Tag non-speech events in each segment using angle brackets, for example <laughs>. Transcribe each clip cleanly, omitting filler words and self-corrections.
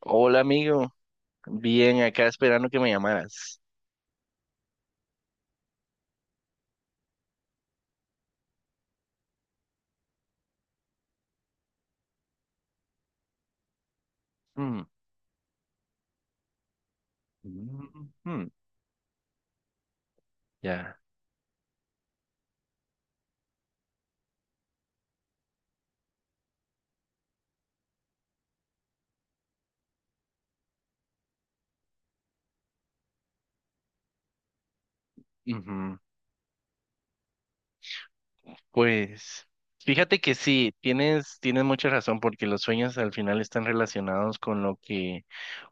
Hola amigo, bien acá esperando que me llamaras. Mm, mm, mm, ya. ujú. Pues fíjate que sí, tienes mucha razón porque los sueños al final están relacionados con lo que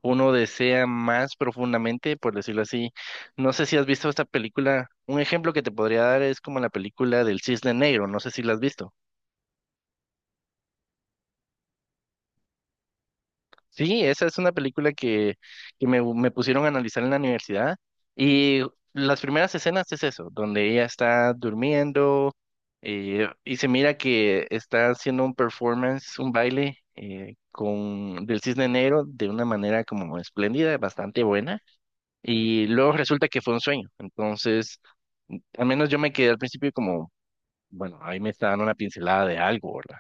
uno desea más profundamente, por decirlo así. No sé si has visto esta película. Un ejemplo que te podría dar es como la película del Cisne Negro, no sé si la has visto. Sí, esa es una película que me pusieron a analizar en la universidad y las primeras escenas es eso, donde ella está durmiendo y se mira que está haciendo un performance, un baile con del Cisne Negro de una manera como espléndida, bastante buena y luego resulta que fue un sueño. Entonces, al menos yo me quedé al principio como, bueno, ahí me está dando una pincelada de algo, ¿verdad?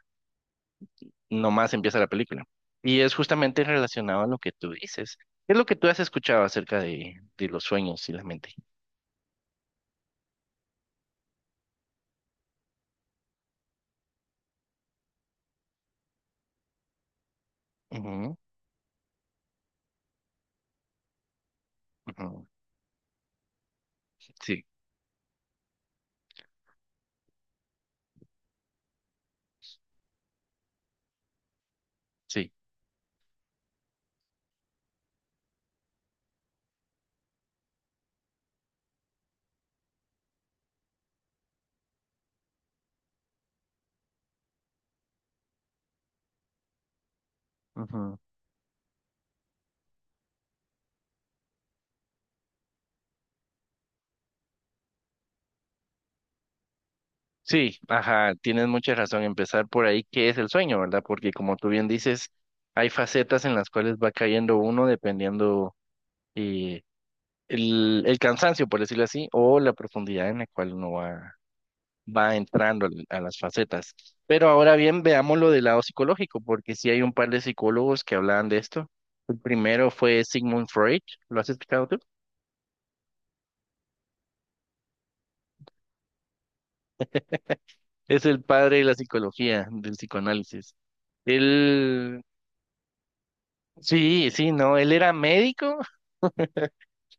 Nomás empieza la película. Y es justamente relacionado a lo que tú dices. ¿Qué es lo que tú has escuchado acerca de los sueños y la mente? Ujú, ujú, sí, sí. Ujú. Sí, ajá, tienes mucha razón. Empezar por ahí, ¿qué es el sueño, verdad? Porque como tú bien dices, hay facetas en las cuales va cayendo uno dependiendo eh, el cansancio, por decirlo así, o la profundidad en la cual uno va entrando a las facetas. Pero ahora bien, veámoslo del lado psicológico, porque sí hay un par de psicólogos que hablaban de esto. El primero fue Sigmund Freud, ¿lo has explicado tú? Es el padre de la psicología, del psicoanálisis. Él, sí, sí, no, él era médico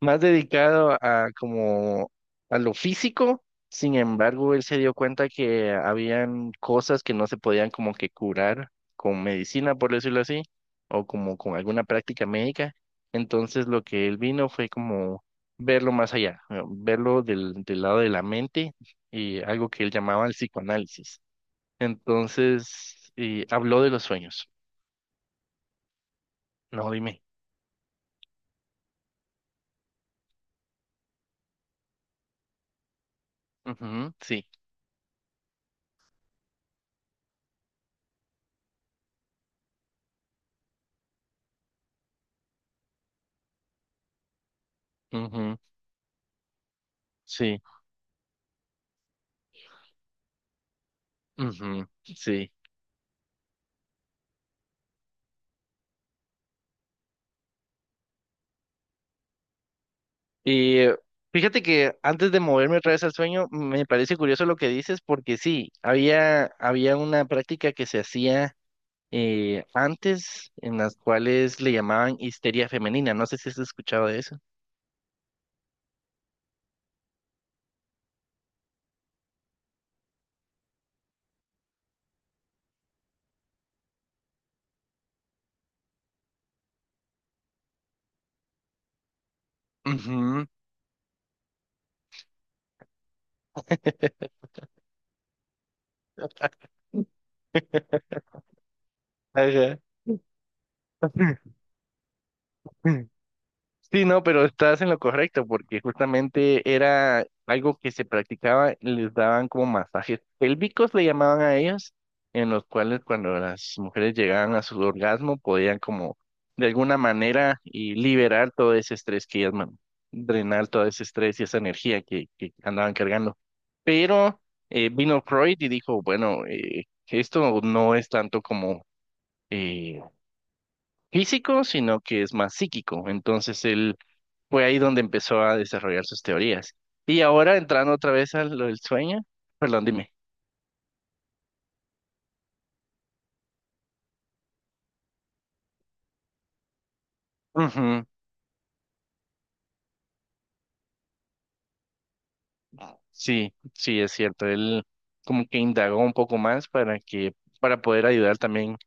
más dedicado a como a lo físico. Sin embargo, él se dio cuenta que habían cosas que no se podían como que curar con medicina, por decirlo así, o como con alguna práctica médica. Entonces, lo que él vino fue como verlo más allá, verlo del lado de la mente y algo que él llamaba el psicoanálisis. Entonces, y habló de los sueños. No, dime. Ujú, sí. Ujú, sí. Ujú, sí. Y fíjate que antes de moverme otra vez al sueño, me parece curioso lo que dices, porque sí, había una práctica que se hacía antes, en las cuales le llamaban histeria femenina. No sé si has escuchado de eso. Ujú. Ajá. <laughs> Sí, no, pero estás en lo correcto, porque justamente era algo que se practicaba, les daban como masajes pélvicos, le llamaban a ellos, en los cuales cuando las mujeres llegaban a su orgasmo podían como de alguna manera y liberar todo ese estrés que drenar todo ese estrés y esa energía que andaban cargando. Pero vino Freud y dijo, bueno, esto no es tanto como eh, físico, sino que es más psíquico. Entonces él fue ahí donde empezó a desarrollar sus teorías. Y ahora entrando otra vez a lo del sueño, perdón, dime. Ujú, sí, sí, es cierto. Él como que indagó un poco más para que, para poder ayudar también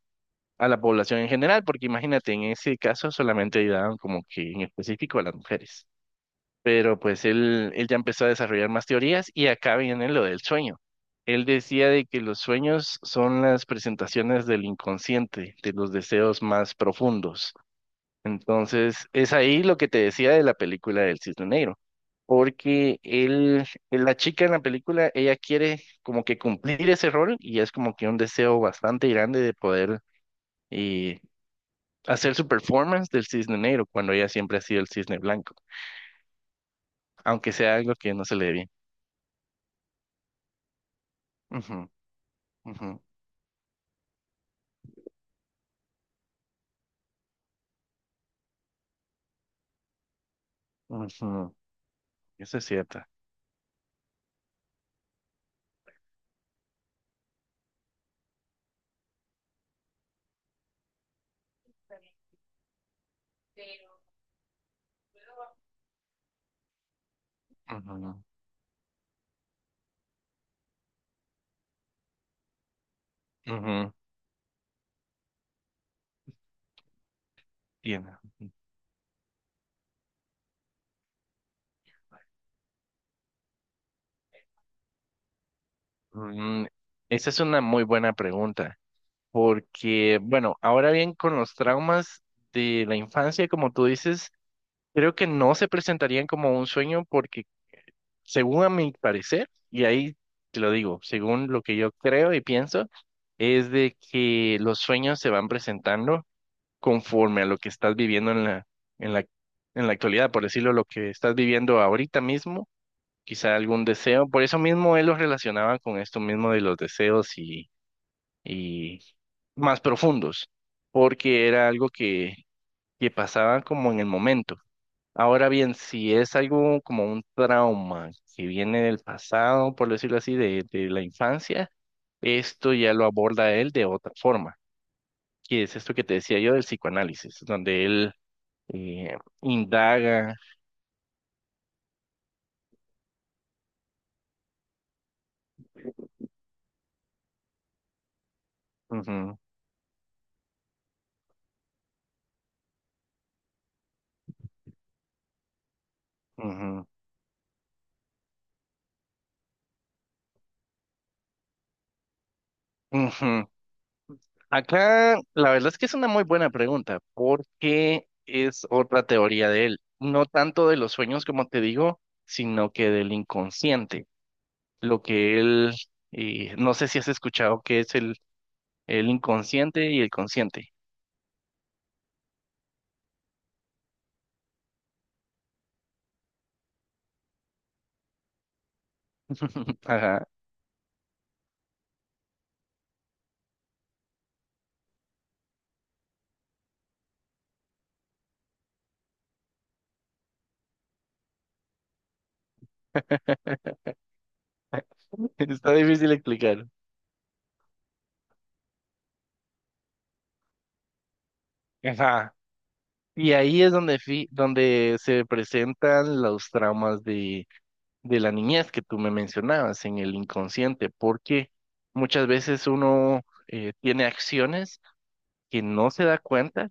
a la población en general, porque imagínate, en ese caso solamente ayudaban como que en específico a las mujeres. Pero pues él ya empezó a desarrollar más teorías y acá viene lo del sueño. Él decía de que los sueños son las presentaciones del inconsciente, de los deseos más profundos. Entonces, es ahí lo que te decía de la película del Cisne Negro, porque él, la chica en la película, ella quiere como que cumplir ese rol y es como que un deseo bastante grande de poder y hacer su performance del Cisne Negro cuando ella siempre ha sido el Cisne Blanco, aunque sea algo que no se le dé bien. Ujú, ujú, ujú, eso es cierto. Ujú, ujú, tiene- mm, esa es una muy buena pregunta. Porque, bueno, ahora bien, con los traumas de la infancia, como tú dices, creo que no se presentarían como un sueño porque, según a mi parecer, y ahí te lo digo, según lo que yo creo y pienso, es de que los sueños se van presentando conforme a lo que estás viviendo en la, en la actualidad, por decirlo, lo que estás viviendo ahorita mismo, quizá algún deseo, por eso mismo él los relacionaba con esto mismo de los deseos y más profundos, porque era algo que pasaba como en el momento. Ahora bien, si es algo como un trauma que viene del pasado, por decirlo así, de la infancia, esto ya lo aborda él de otra forma, que es esto que te decía yo del psicoanálisis, donde él eh, indaga. Ujú, ujú, ujú. Acá, la verdad es que es una muy buena pregunta, porque es otra teoría de él, no tanto de los sueños, como te digo, sino que del inconsciente. Lo que él, no sé si has escuchado que es el inconsciente y el consciente. <laughs> Ajá, <laughs> está difícil explicar. Ajá. Y ahí es donde, donde se presentan los traumas de la niñez que tú me mencionabas en el inconsciente, porque muchas veces uno tiene acciones que no se da cuenta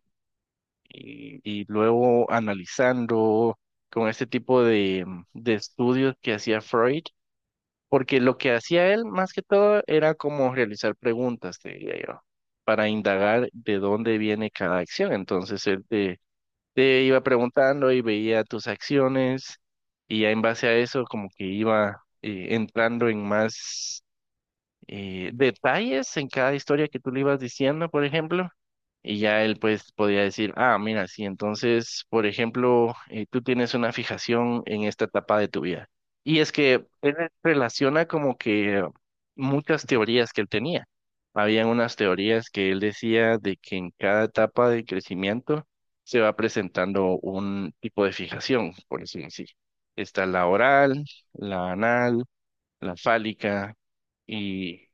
y luego analizando con este tipo de estudios que hacía Freud, porque lo que hacía él más que todo era como realizar preguntas, te diría yo, para indagar de dónde viene cada acción. Entonces él te iba preguntando y veía tus acciones y ya en base a eso como que iba entrando en más detalles en cada historia que tú le ibas diciendo, por ejemplo, y ya él pues podía decir, ah, mira, sí, entonces, por ejemplo, tú tienes una fijación en esta etapa de tu vida. Y es que él relaciona como que muchas teorías que él tenía. Habían unas teorías que él decía de que en cada etapa de crecimiento se va presentando un tipo de fijación, por decirlo así. Está la oral, la anal, la fálica y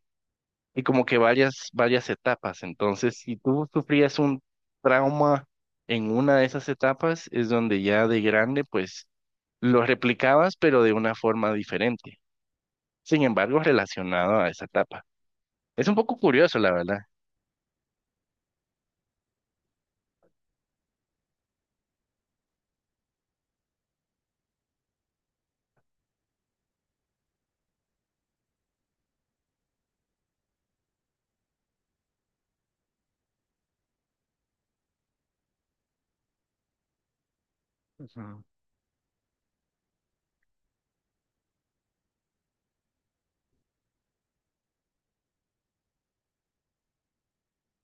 y como que varias etapas. Entonces, si tú sufrías un trauma en una de esas etapas, es donde ya de grande, pues lo replicabas, pero de una forma diferente. Sin embargo, relacionado a esa etapa. Es un poco curioso, la verdad. Ujú.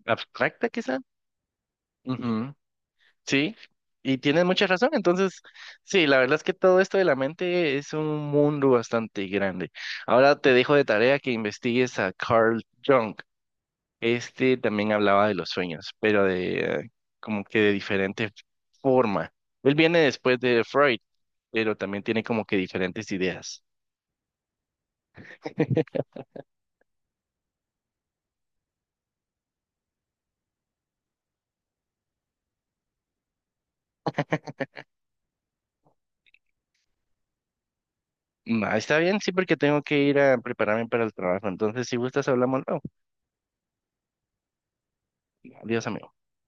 Abstracta, quizá. Ujú, sí, y tienes mucha razón. Entonces, sí, la verdad es que todo esto de la mente es un mundo bastante grande. Ahora te dejo de tarea que investigues a Carl Jung. Este también hablaba de los sueños, pero de como que de diferente forma. Él viene después de Freud, pero también tiene como que diferentes ideas. <laughs> Ma, está bien, sí, porque tengo que ir a prepararme para el trabajo. Entonces, si gustas, hablamos luego. Adiós, amigo.